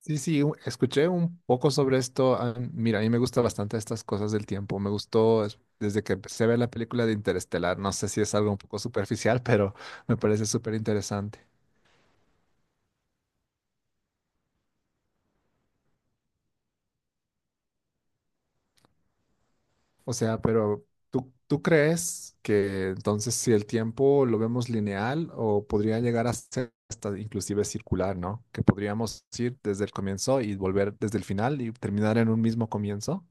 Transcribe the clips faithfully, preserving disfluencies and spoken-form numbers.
Sí, sí, u- escuché un poco sobre esto. ah, Mira, a mí me gusta bastante estas cosas del tiempo. Me gustó es- desde que empecé a ver la película de Interestelar. No sé si es algo un poco superficial, pero me parece súper interesante. O sea, pero ¿tú, tú crees que entonces si el tiempo lo vemos lineal o podría llegar a ser hasta inclusive circular, ¿no? Que podríamos ir desde el comienzo y volver desde el final y terminar en un mismo comienzo.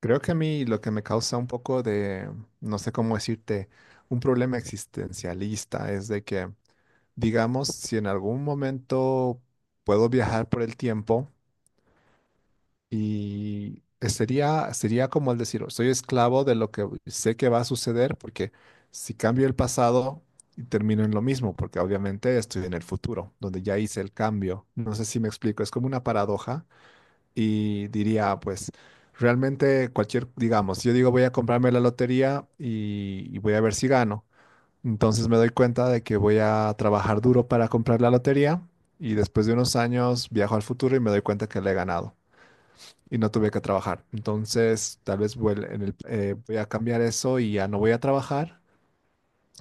Creo que a mí lo que me causa un poco de, no sé cómo decirte, un problema existencialista es de que, digamos, si en algún momento puedo viajar por el tiempo y sería, sería como el decir, soy esclavo de lo que sé que va a suceder, porque si cambio el pasado, termino en lo mismo, porque obviamente estoy en el futuro, donde ya hice el cambio. No sé si me explico, es como una paradoja y diría, pues realmente cualquier, digamos, si yo digo voy a comprarme la lotería y, y voy a ver si gano. Entonces me doy cuenta de que voy a trabajar duro para comprar la lotería y después de unos años viajo al futuro y me doy cuenta que la he ganado y no tuve que trabajar. Entonces tal vez vuel- en el- eh, voy a cambiar eso y ya no voy a trabajar.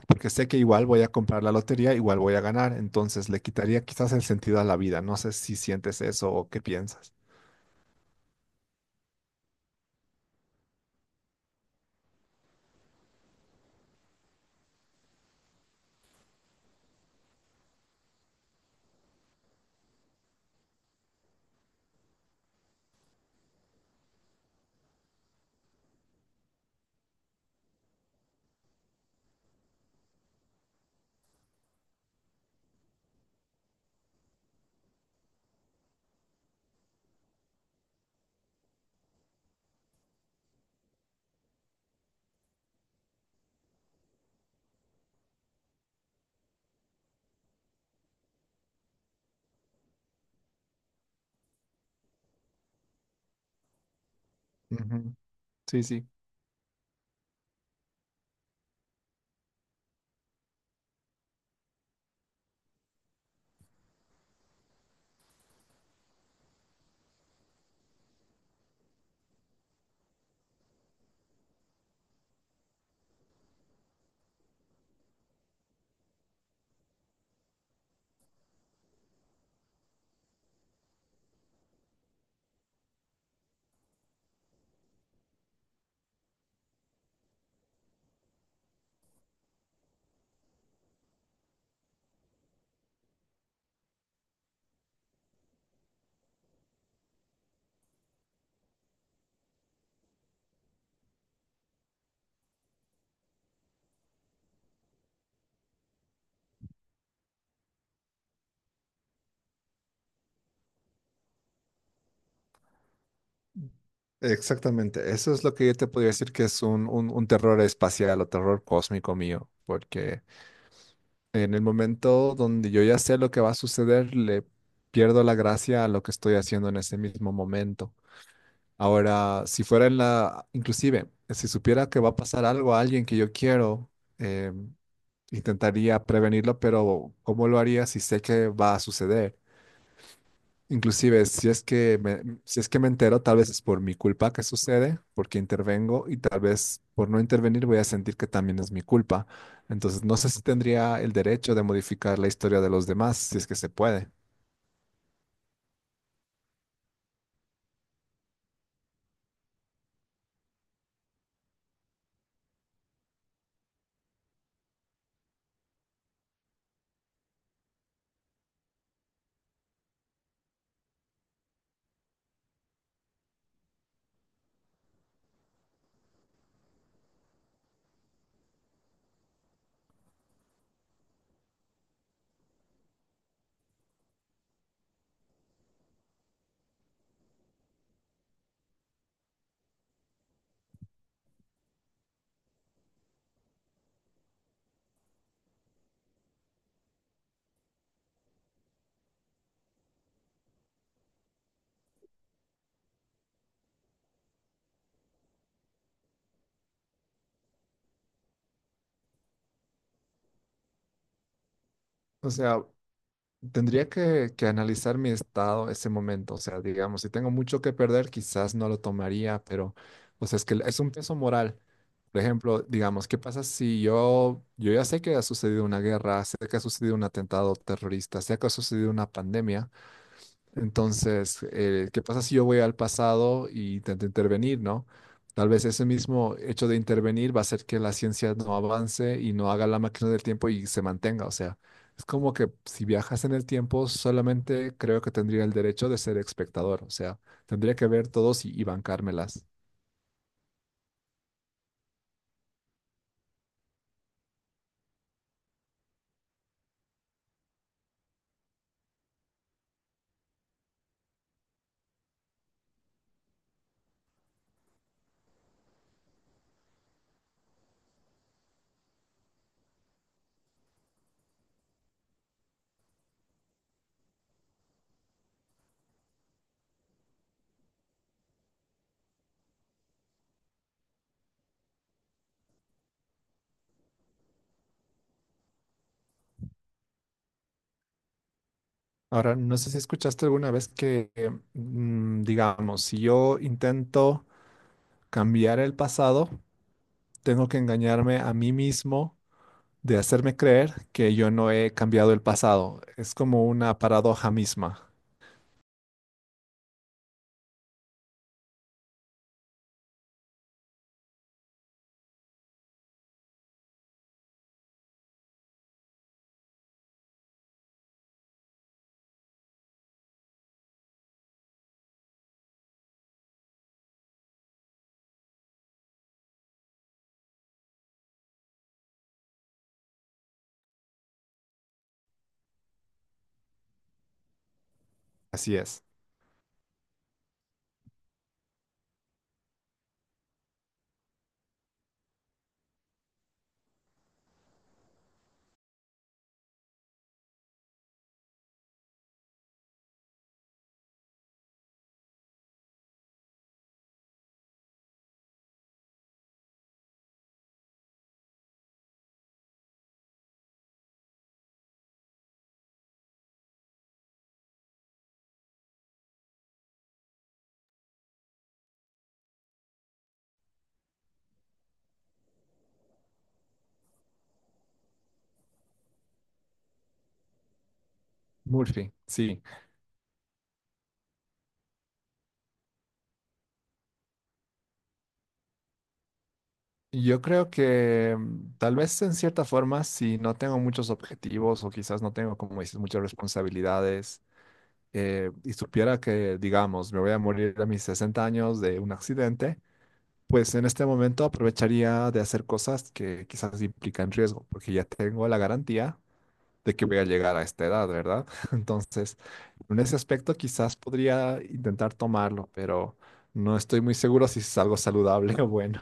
Porque sé que igual voy a comprar la lotería, igual voy a ganar, entonces le quitaría quizás el sentido a la vida. No sé si sientes eso o qué piensas. Ujú. Sí, sí. Exactamente, eso es lo que yo te podría decir que es un, un- un terror espacial o terror cósmico mío, porque en el momento donde yo ya sé lo que va a suceder, le pierdo la gracia a lo que estoy haciendo en ese mismo momento. Ahora, si fuera en la, inclusive, si supiera que va a pasar algo a alguien que yo quiero, eh, intentaría prevenirlo, pero ¿cómo lo haría si sé que va a suceder? Inclusive, si es que me, si es que me entero, tal vez es por mi culpa que sucede, porque intervengo y tal vez por no intervenir voy a sentir que también es mi culpa. Entonces, no sé si tendría el derecho de modificar la historia de los demás, si es que se puede. O sea, Tendría que, que analizar mi estado ese momento, o sea, digamos, si tengo mucho que perder, quizás no lo tomaría, pero, o sea, es que es un peso moral. Por ejemplo, digamos, ¿qué pasa si yo, yo ya sé que ha sucedido una guerra, sé que ha sucedido un atentado terrorista, sé que ha sucedido una pandemia? Entonces, eh, ¿qué pasa si yo voy al pasado y intento intervenir, ¿no? Tal vez ese mismo hecho de intervenir va a hacer que la ciencia no avance y no haga la máquina del tiempo y se mantenga. O sea, es como que si viajas en el tiempo, solamente creo que tendría el derecho de ser espectador. O sea, tendría que ver todos y, y bancármelas. Ahora, no sé si escuchaste alguna vez que, eh, mm, digamos, si yo intento cambiar el pasado, tengo que engañarme a mí mismo de hacerme creer que yo no he cambiado el pasado. Es como una paradoja misma. Así es. Murphy, sí. Yo creo que mm, tal vez en cierta forma, si no tengo muchos objetivos o quizás no tengo, como dices, muchas responsabilidades eh, y supiera que, digamos, me voy a morir a mis sesenta años de un accidente, pues en este momento aprovecharía de hacer cosas que quizás implican riesgo, porque ya tengo la garantía de que voy a llegar a esta edad, ¿verdad? Entonces, en ese aspecto quizás podría intentar tomarlo, pero no estoy muy seguro si es algo saludable o bueno.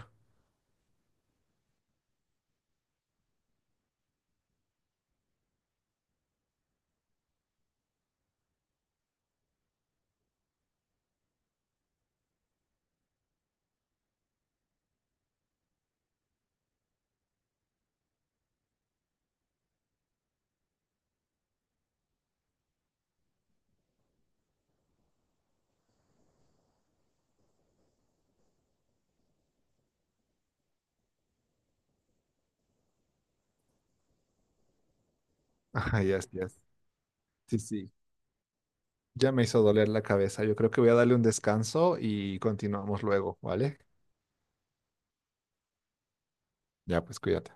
Ajá, yes, yes. Sí, sí. Ya me hizo doler la cabeza. Yo creo que voy a darle un descanso y continuamos luego, ¿vale? Ya, pues cuídate.